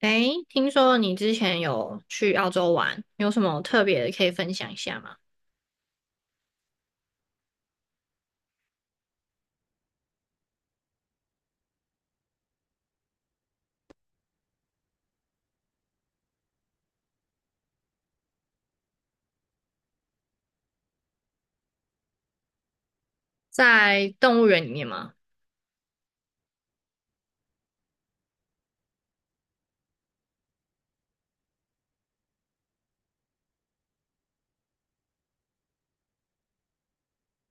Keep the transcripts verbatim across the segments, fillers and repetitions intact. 诶，听说你之前有去澳洲玩，有什么特别的可以分享一下吗？在动物园里面吗？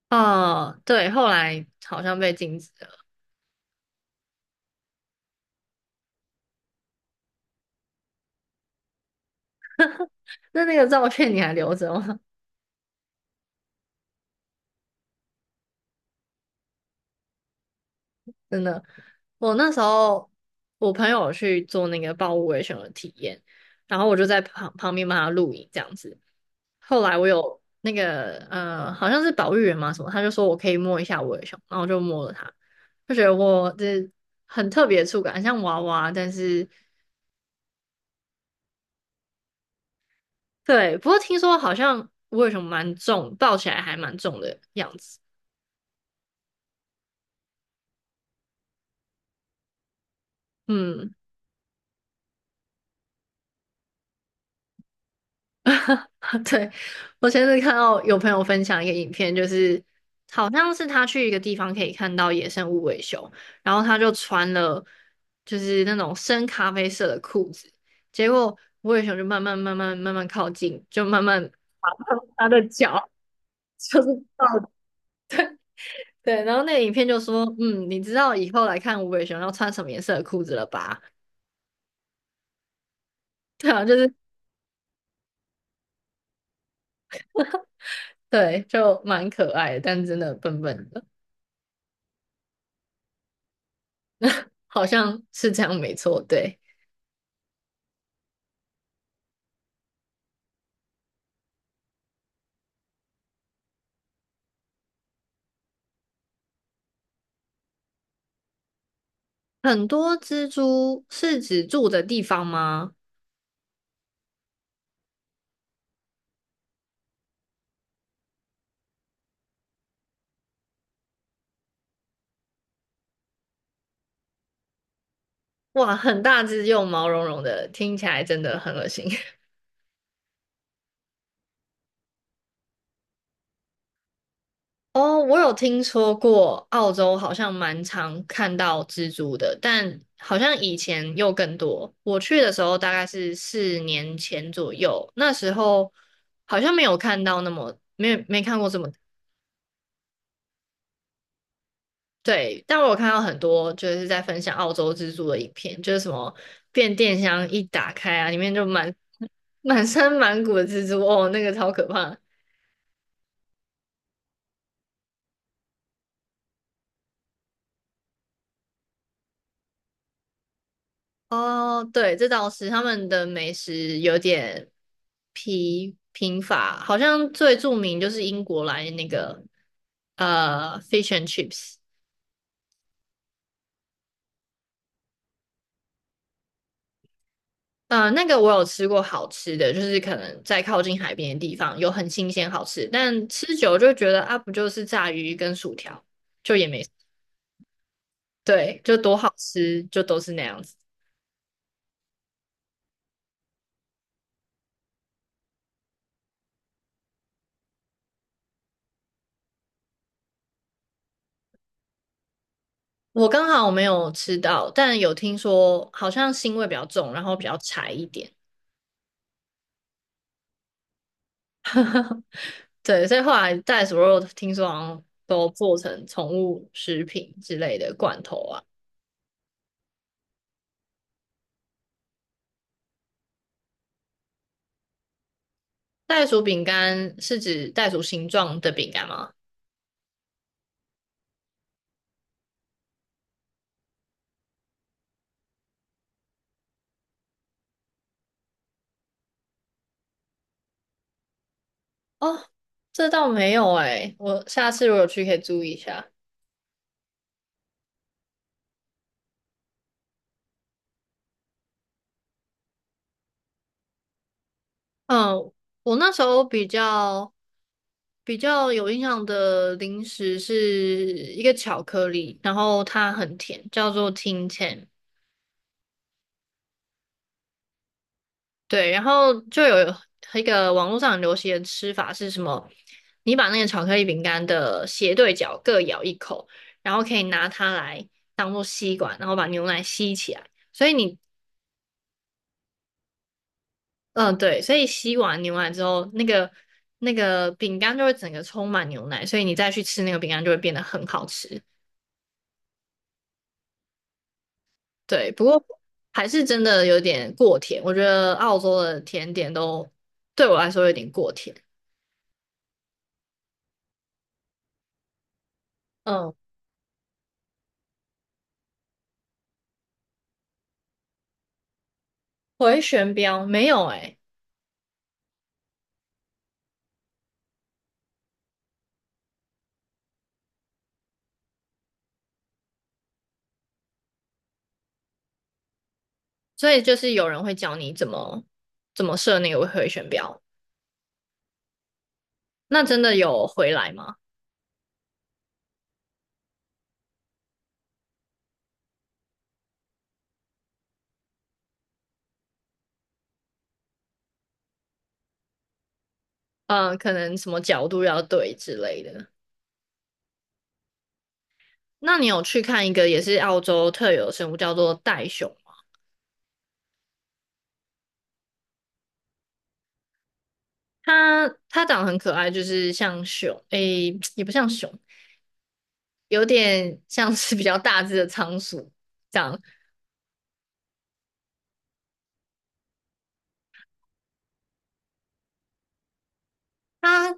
哦，对，后来好像被禁止了。那那个照片你还留着吗？真的，我那时候我朋友去做那个豹无伪熊的体验，然后我就在旁旁边帮他录影这样子。后来我有那个呃，好像是保育员嘛什么，他就说我可以摸一下我的熊，然后就摸了它，就觉得我这很特别的触感，很像娃娃，但是对，不过听说好像无什熊蛮重，抱起来还蛮重的样子，嗯。对，我前阵看到有朋友分享一个影片，就是好像是他去一个地方可以看到野生无尾熊，然后他就穿了就是那种深咖啡色的裤子，结果无尾熊就慢慢慢慢慢慢靠近，就慢慢 他的脚 就是到对，然后那个影片就说，嗯，你知道以后来看无尾熊要穿什么颜色的裤子了吧？对啊，就是对，就蛮可爱的，但真的笨笨的，好像是这样没错，对。很多蜘蛛是指住的地方吗？哇，很大只又毛茸茸的，听起来真的很恶心。哦，我有听说过澳洲好像蛮常看到蜘蛛的，但好像以前又更多。我去的时候大概是四年前左右，那时候好像没有看到那么没有没看过这么对，但我有看到很多就是在分享澳洲蜘蛛的影片，就是什么变电箱一打开啊，里面就满 满身满谷的蜘蛛，哦，那个超可怕。哦，对，这倒是他们的美食有点疲贫乏，好像最著名就是英国来那个呃 fish and chips。呃，那个我有吃过好吃的，就是可能在靠近海边的地方有很新鲜好吃，但吃久了就会觉得啊，不就是炸鱼跟薯条，就也没，对，就多好吃，就都是那样子。我刚好没有吃到，但有听说好像腥味比较重，然后比较柴一点。对，所以后来袋鼠肉听说好像都做成宠物食品之类的罐头啊。袋鼠饼干是指袋鼠形状的饼干吗？哦，这倒没有诶，我下次如果去可以注意一下。嗯，我那时候比较比较有印象的零食是一个巧克力，然后它很甜，叫做 Tin Tan。对，然后就有一个网络上很流行的吃法是什么？你把那个巧克力饼干的斜对角各咬一口，然后可以拿它来当做吸管，然后把牛奶吸起来。所以你嗯，对，所以吸完牛奶之后，那个那个饼干就会整个充满牛奶，所以你再去吃那个饼干就会变得很好吃。对，不过还是真的有点过甜，我觉得澳洲的甜点都对我来说有点过甜。嗯，回旋镖没有诶、所以就是有人会教你怎么怎么设那个回旋镖，那真的有回来吗？嗯，可能什么角度要对之类的。那你有去看一个也是澳洲特有的生物叫做袋熊？它它长得很可爱，就是像熊，诶、也不像熊，有点像是比较大只的仓鼠这样。它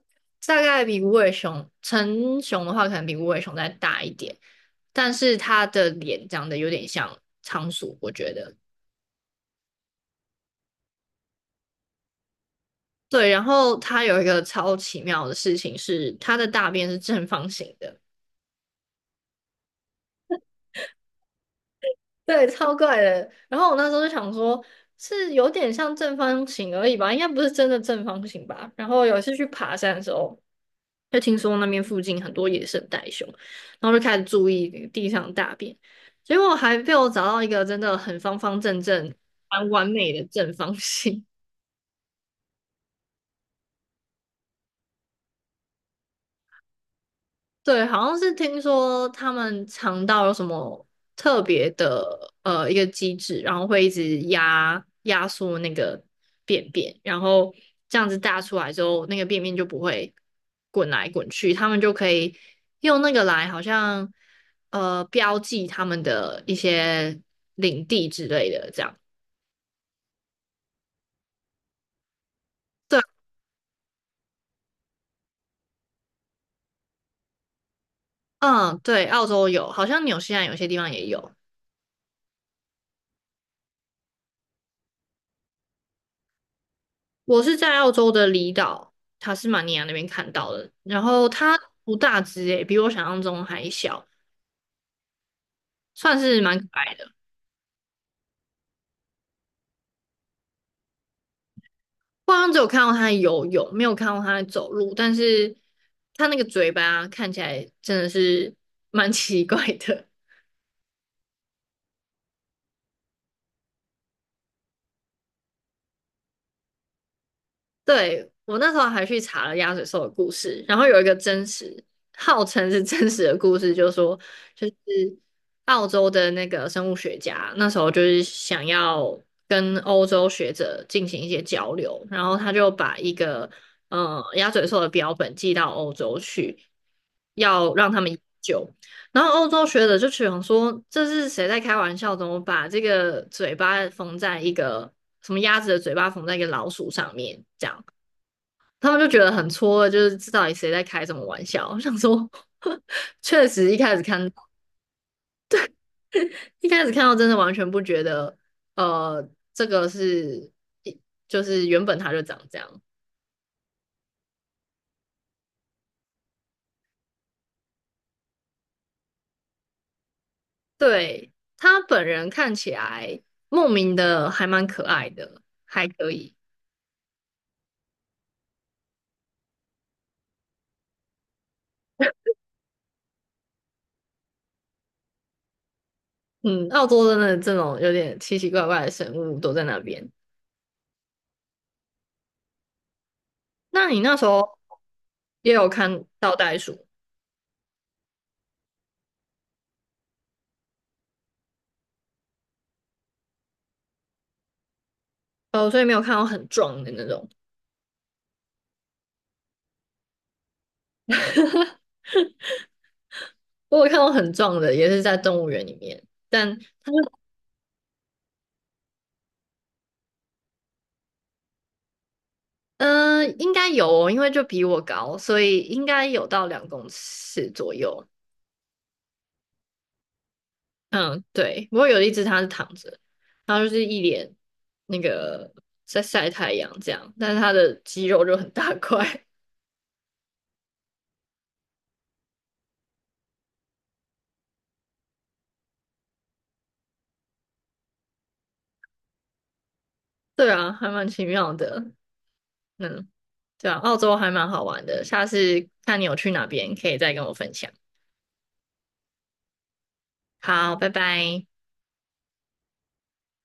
大概比无尾熊，成熊的话可能比无尾熊再大一点，但是它的脸长得有点像仓鼠，我觉得。对，然后它有一个超奇妙的事情是，它的大便是正方形的。对，超怪的。然后我那时候就想说，是有点像正方形而已吧，应该不是真的正方形吧。然后有一次去爬山的时候，就听说那边附近很多野生袋熊，然后就开始注意地上的大便，结果还被我找到一个真的很方方正正、蛮完美的正方形。对，好像是听说他们肠道有什么特别的呃一个机制，然后会一直压压缩那个便便，然后这样子大出来之后，那个便便就不会滚来滚去，他们就可以用那个来好像呃标记他们的一些领地之类的，这样。对，嗯，对，澳洲有，好像纽西兰有些地方也有。我是在澳洲的离岛塔斯马尼亚那边看到的，然后它不大只诶，比我想象中还小，算是蛮可爱的。我好像只有看到它游泳，没有看到它走路，但是它那个嘴巴看起来真的是蛮奇怪的。对，我那时候还去查了鸭嘴兽的故事，然后有一个真实，号称是真实的故事，就是说，就是澳洲的那个生物学家那时候就是想要跟欧洲学者进行一些交流，然后他就把一个呃鸭嘴兽的标本寄到欧洲去，要让他们研究。然后欧洲学者就想说，这是谁在开玩笑？怎么把这个嘴巴缝在一个什么鸭子的嘴巴缝在一个老鼠上面？他们就觉得很错愕就是这到底谁在开什么玩笑？我想说，确实一开始看一开始看到真的完全不觉得，呃，这个是就是原本他就长这样。对，他本人看起来莫名的还蛮可爱的，还可以。嗯，澳洲真的这种有点奇奇怪怪的生物都在那边。那你那时候也有看到袋鼠，哦，所以没有看到很壮的那种。我有看到很壮的，也是在动物园里面，但嗯、呃应该有哦因为就比我高，所以应该有到两公尺左右。嗯，对。不过有一只它是躺着，它就是一脸那个在晒太阳这样，但是它的肌肉就很大块。对啊，还蛮奇妙的。嗯，对啊，澳洲还蛮好玩的，下次看你有去哪边，可以再跟我分享。好，拜拜。